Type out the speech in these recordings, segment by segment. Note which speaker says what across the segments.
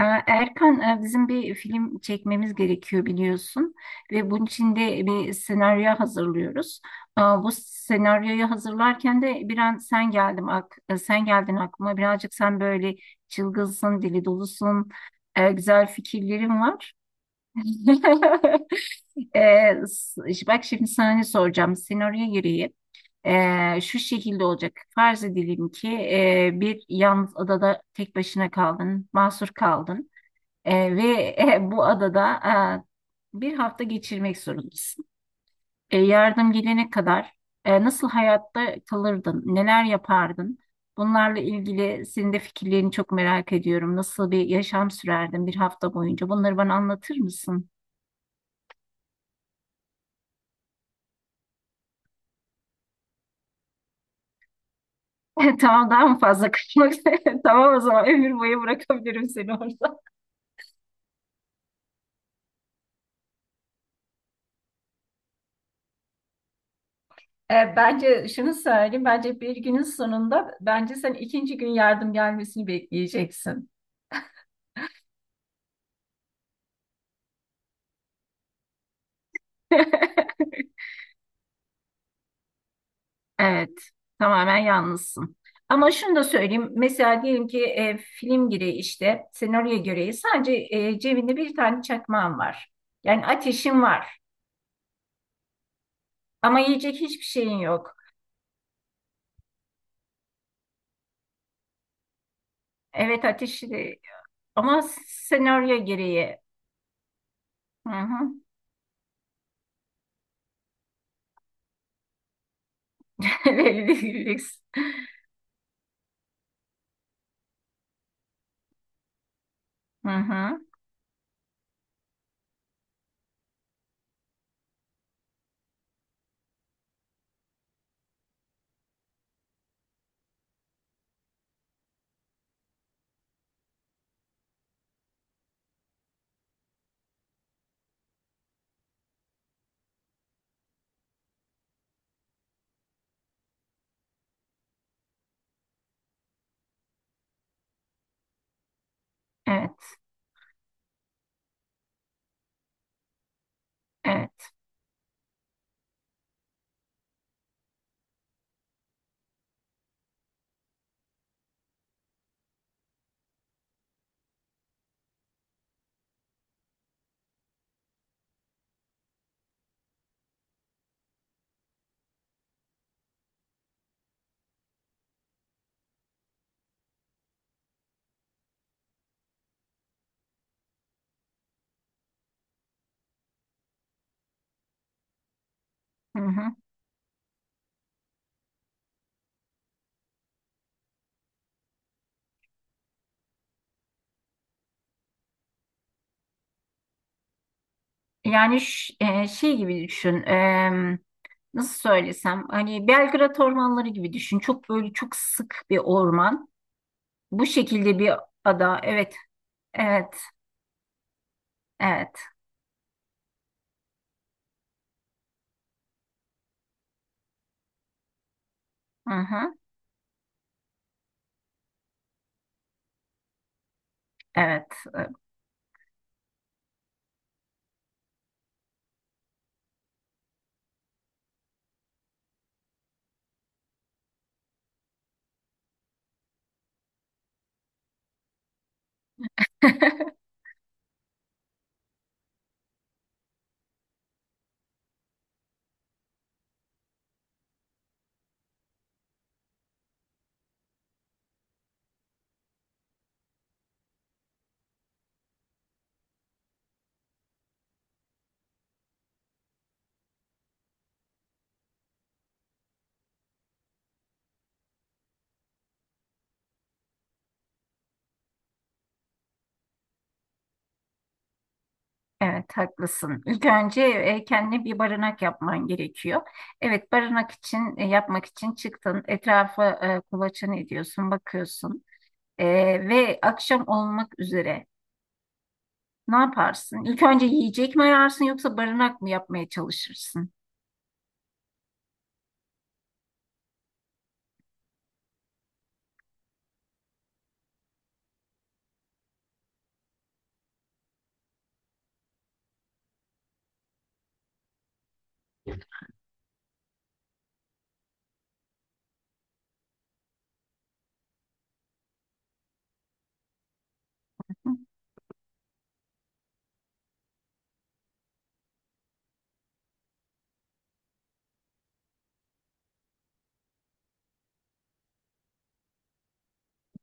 Speaker 1: Erkan, bizim bir film çekmemiz gerekiyor biliyorsun ve bunun için de bir senaryo hazırlıyoruz. Bu senaryoyu hazırlarken de bir an sen geldim ak e, sen geldin aklıma. Birazcık sen böyle çılgınsın, dili dolusun, güzel fikirlerin var. Bak şimdi sana ne soracağım. Senaryo gereği şu şekilde olacak. Farz edelim ki bir yalnız adada tek başına kaldın, mahsur kaldın. Ve bu adada bir hafta geçirmek zorundasın. Yardım gelene kadar nasıl hayatta kalırdın, neler yapardın? Bunlarla ilgili senin de fikirlerini çok merak ediyorum. Nasıl bir yaşam sürerdin bir hafta boyunca? Bunları bana anlatır mısın? Tamam, daha mı fazla kaçmak? Tamam, o zaman ömür boyu bırakabilirim seni orada. Bence şunu söyleyeyim, bence bir günün sonunda bence sen ikinci gün yardım gelmesini bekleyeceksin. Evet, tamamen yalnızsın. Ama şunu da söyleyeyim. Mesela diyelim ki film gereği işte senaryo gereği sadece cebinde bir tane çakmağın var. Yani ateşin var ama yiyecek hiçbir şeyin yok. Evet, ateşi de- ama senaryo gereği. Hı hı. Böyle bir lüks. Hı hı. Evet. Evet. Hı hı. Yani şey gibi düşün. Nasıl söylesem, hani Belgrad ormanları gibi düşün. Çok böyle çok sık bir orman. Bu şekilde bir ada. Evet. Evet. Evet. Hı hı. Evet. Evet, haklısın. İlk önce kendine bir barınak yapman gerekiyor. Evet, barınak için yapmak için çıktın. Etrafa kulaçan ediyorsun, bakıyorsun. E, ve akşam olmak üzere ne yaparsın? İlk önce yiyecek mi ararsın yoksa barınak mı yapmaya çalışırsın?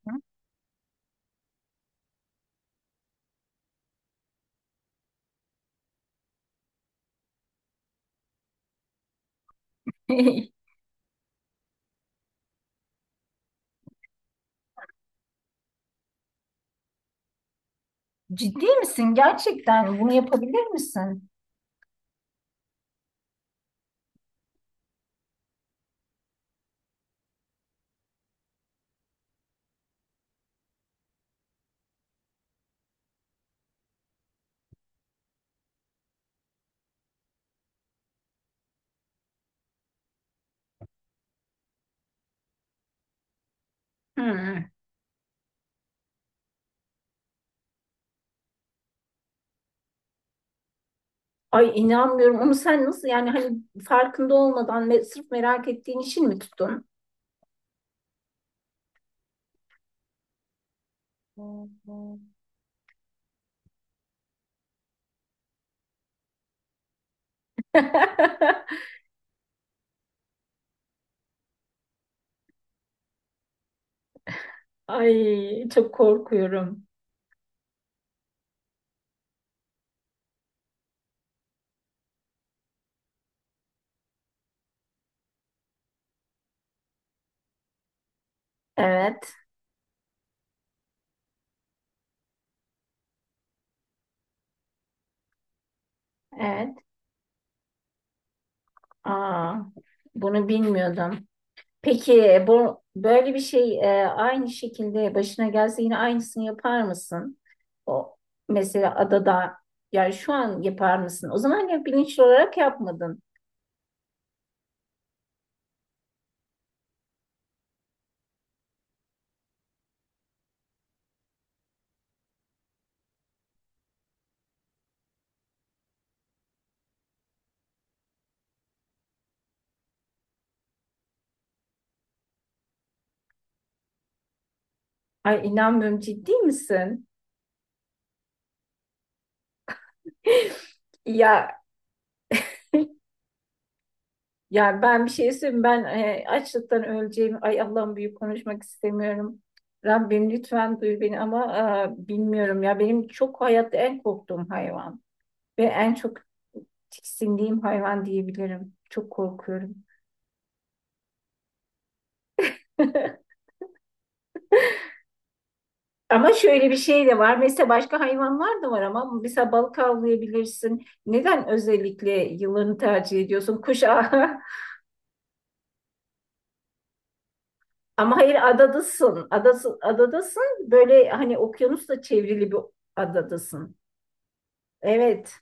Speaker 1: Ciddi misin? Gerçekten bunu yapabilir misin? Hı. Ay inanmıyorum. Onu sen nasıl, yani hani farkında olmadan ve sırf merak ettiğin için mi tuttun? Ay çok korkuyorum. Evet, evet. Aa, bunu bilmiyordum. Peki bu böyle bir şey aynı şekilde başına gelse yine aynısını yapar mısın? O mesela adada, yani şu an yapar mısın? O zaman ya bilinçli olarak yapmadın. Ay inanmıyorum, ciddi misin? Ya, yani ben bir şey söyleyeyim. Ben açlıktan öleceğim. Ay Allah'ım, büyük konuşmak istemiyorum. Rabbim lütfen duy beni, ama bilmiyorum ya. Benim çok hayatta en korktuğum hayvan ve en çok tiksindiğim hayvan diyebilirim. Çok korkuyorum. Ama şöyle bir şey de var. Mesela başka hayvanlar da var ama mesela balık avlayabilirsin. Neden özellikle yılanı tercih ediyorsun? Kuş ama hayır, adadasın. Adası, adadasın. Böyle hani okyanusla çevrili bir adadasın. Evet.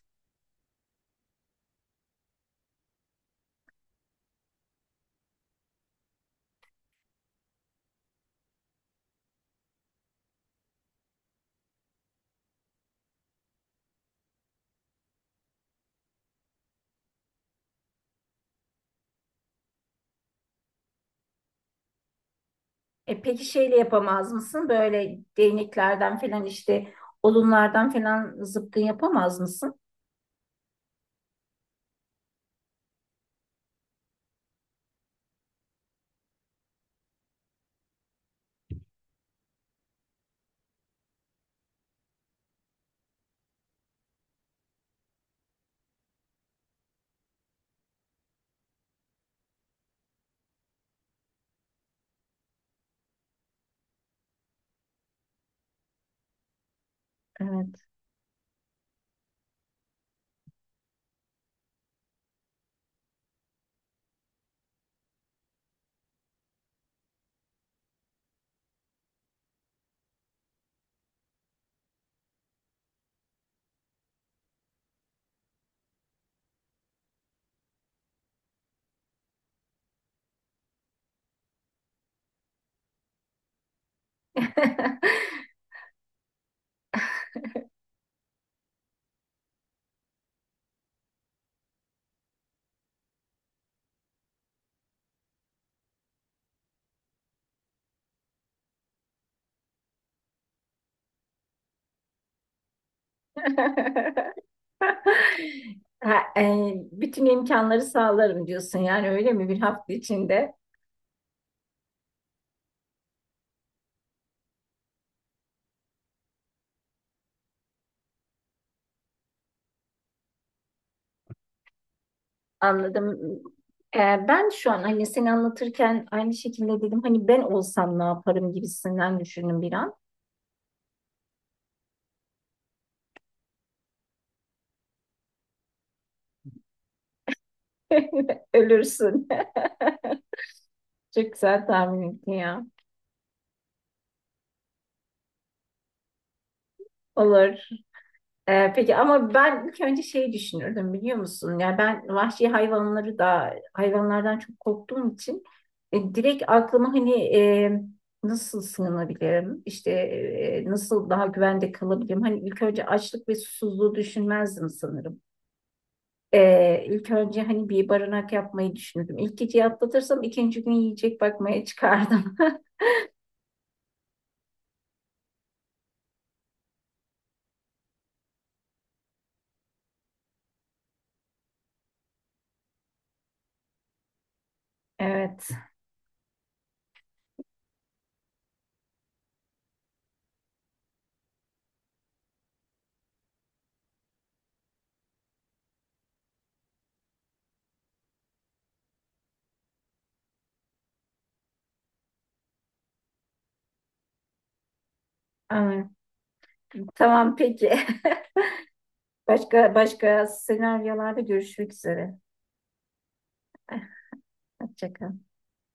Speaker 1: E peki şeyle yapamaz mısın? Böyle değneklerden falan, işte odunlardan falan zıpkın yapamaz mısın? Evet. Ha, bütün imkanları sağlarım diyorsun yani, öyle mi, bir hafta içinde? Anladım. E, ben şu an hani seni anlatırken aynı şekilde dedim, hani ben olsam ne yaparım gibisinden düşündüm bir an. Ölürsün. Çok güzel tahmin ettin ya. Olur. Peki ama ben ilk önce şey düşünürdüm, biliyor musun? Yani ben vahşi hayvanları da, hayvanlardan çok korktuğum için direkt aklıma hani e, nasıl sığınabilirim? İşte nasıl daha güvende kalabilirim? Hani ilk önce açlık ve susuzluğu düşünmezdim sanırım. İlk önce hani bir barınak yapmayı düşündüm. İlk geceyi atlatırsam ikinci gün yiyecek bakmaya çıkardım. Evet. Ama- Tamam, peki. Başka başka senaryolarda görüşmek üzere. Eh, Hoşça kal.